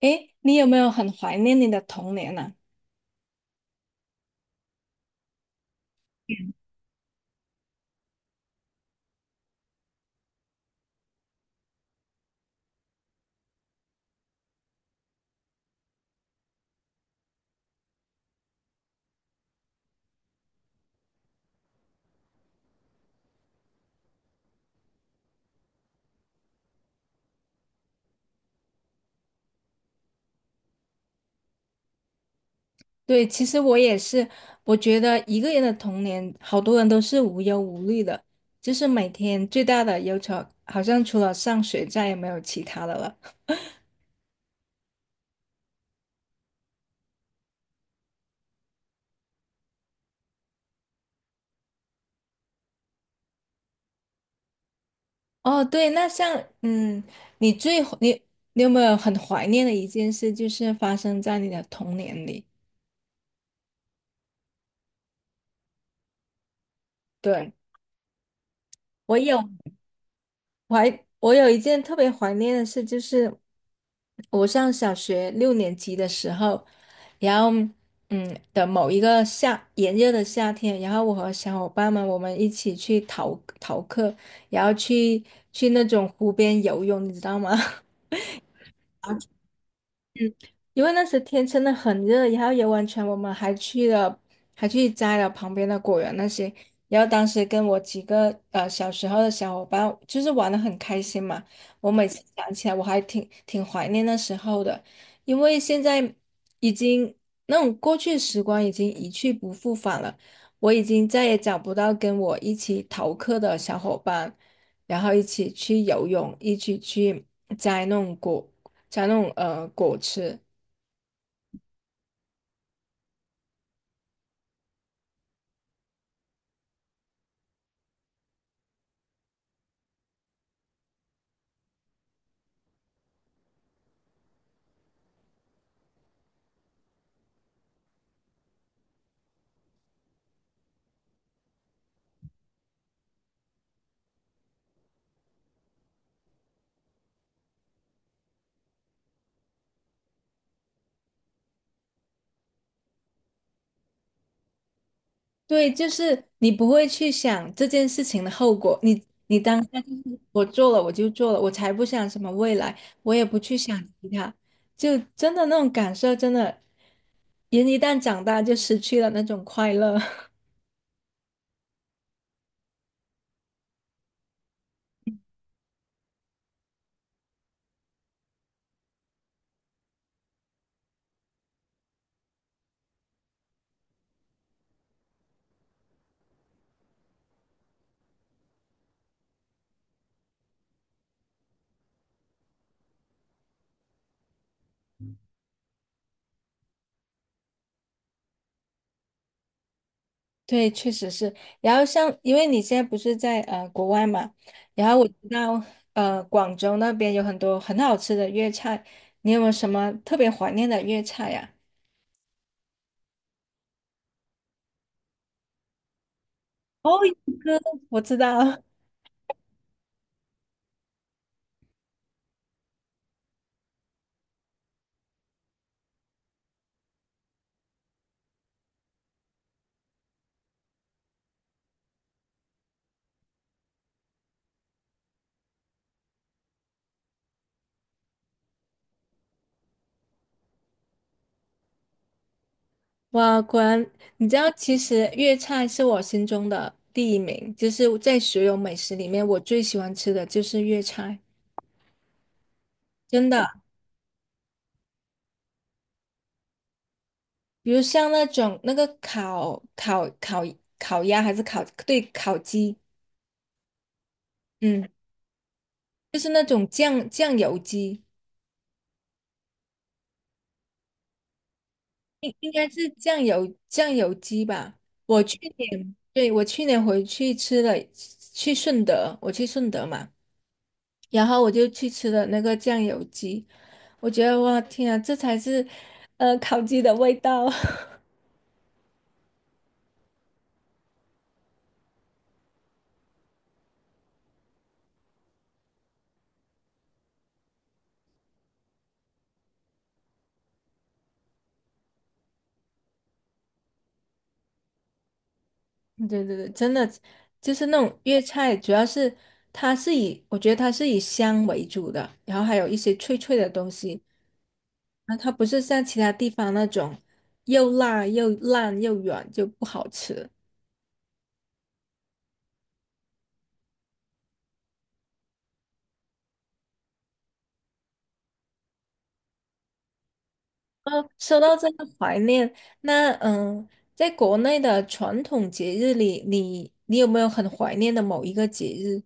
诶，你有没有很怀念你的童年呢？对，其实我也是，我觉得一个人的童年，好多人都是无忧无虑的，就是每天最大的忧愁，好像除了上学，再也没有其他的了。哦，对，那像，嗯，你最你你有没有很怀念的一件事，就是发生在你的童年里？对，我有。我有一件特别怀念的事，就是我上小学六年级的时候，然后某一个炎热的夏天，然后我和小伙伴们一起去逃课，然后去那种湖边游泳，你知道吗？因为那时天真的很热，然后游完全我们还去了，还去摘了旁边的果园那些。然后当时跟我几个小时候的小伙伴，就是玩的很开心嘛。我每次想起来，我还挺怀念那时候的，因为现在已经那种过去的时光已经一去不复返了。我已经再也找不到跟我一起逃课的小伙伴，然后一起去游泳，一起去摘那种果，摘那种果吃。对，就是你不会去想这件事情的后果，你当下我做了我就做了，我才不想什么未来，我也不去想其他，就真的那种感受，真的人一旦长大就失去了那种快乐。对，确实是。然后像因为你现在不是在国外嘛，然后我知道广州那边有很多很好吃的粤菜，你有没有什么特别怀念的粤菜呀？哦，一个我知道。哇，果然，你知道，其实粤菜是我心中的第一名，就是在所有美食里面，我最喜欢吃的就是粤菜，真的。比如像那种那个烤鸭还是烤，对，烤鸡，嗯，就是那种酱油鸡，应该是酱油鸡吧。我去，对，我去年回去吃了，去顺德，我去顺德嘛。然后我就去吃了那个酱油鸡，我觉得哇天啊，这才是烤鸡的味道。对对对，真的就是那种粤菜，主要是它是以我觉得它是以香为主的，然后还有一些脆脆的东西，然后它不是像其他地方那种又辣又烂又软就不好吃。哦，说到这个怀念，那嗯，在国内的传统节日里，你有没有很怀念的某一个节日？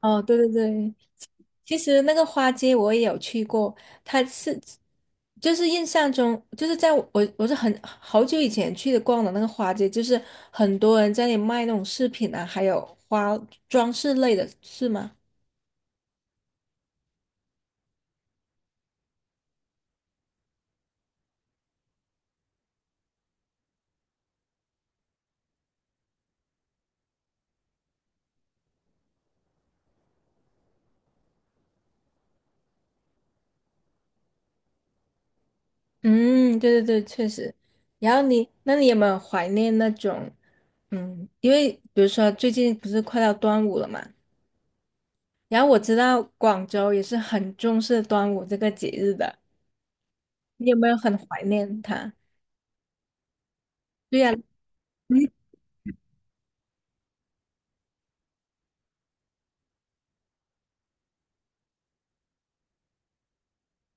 哦，对对对，其实那个花街我也有去过，它是就是印象中，就是我是很好久以前逛的那个花街，就是很多人在那里卖那种饰品啊，还有花装饰类的，是吗？嗯，对对对，确实。然后你，那你有没有怀念那种，嗯，因为比如说最近不是快到端午了嘛，然后我知道广州也是很重视端午这个节日的，你有没有很怀念它？对呀。你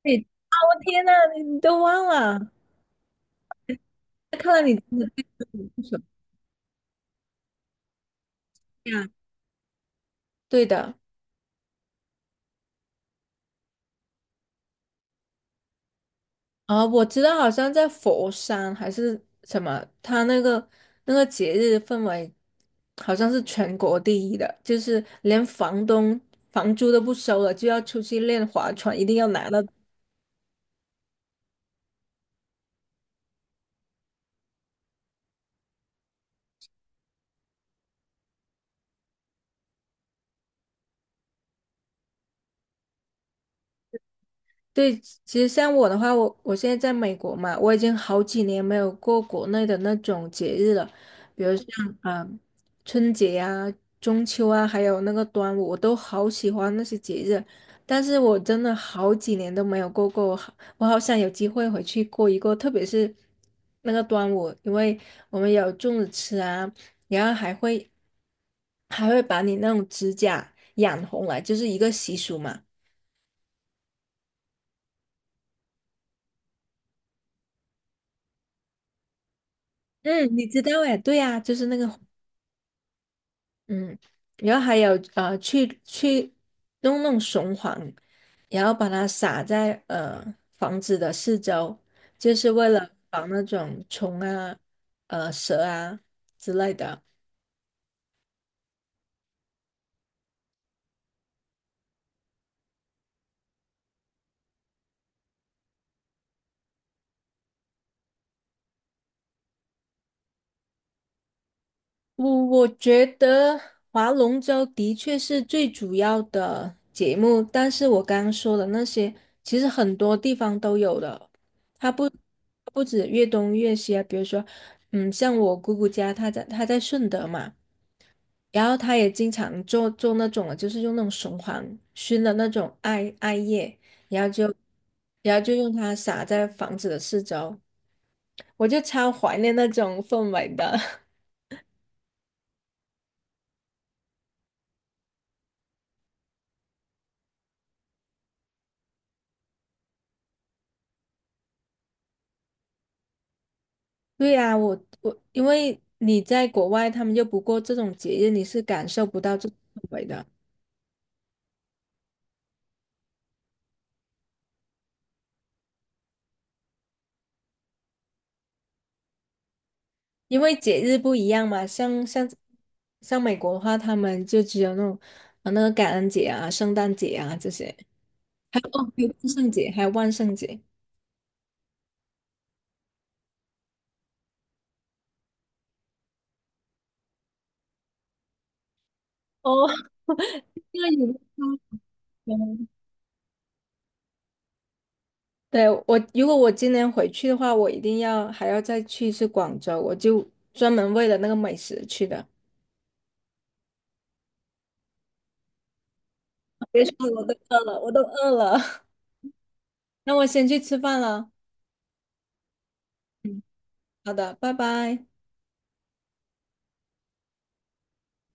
你啊，我天呐，你都忘了？那看来你真的是什呀？对的，啊，我知道，好像在佛山还是什么，他那个那个节日氛围好像是全国第一的，就是连房东房租都不收了，就要出去练划船，一定要拿到。对，其实像我的话，我现在在美国嘛，我已经好几年没有过国内的那种节日了，比如像啊、呃春节啊、中秋啊，还有那个端午，我都好喜欢那些节日，但是我真的好几年都没有过过，我好想有机会回去过一过，特别是那个端午，因为我们有粽子吃啊，然后还会把你那种指甲染红来，就是一个习俗嘛。嗯，你知道哎，对呀，就是那个。嗯，然后还有，去弄雄黄，然后把它撒在房子的四周，就是为了防那种虫啊、蛇啊之类的。我觉得划龙舟的确是最主要的节目，但是我刚刚说的那些，其实很多地方都有的，它不不止粤东粤西啊，比如说，嗯，像我姑姑家，她在顺德嘛，然后她也经常做那种啊，就是用那种雄黄熏的那种艾叶，然后就然后就用它撒在房子的四周，我就超怀念那种氛围的。对呀，我我因为你在国外，他们就不过这种节日，你是感受不到这种氛围的，因为节日不一样嘛。像美国的话，他们就只有那种啊那个感恩节啊、圣诞节啊这些，还有哦，还有万圣节，还有万圣节。哦，因为你们对，我，如果我今年回去的话，我一定要还要再去一次广州，我就专门为了那个美食去的。别说了我都饿了，我都饿了，那我先去吃饭了。好的，拜拜。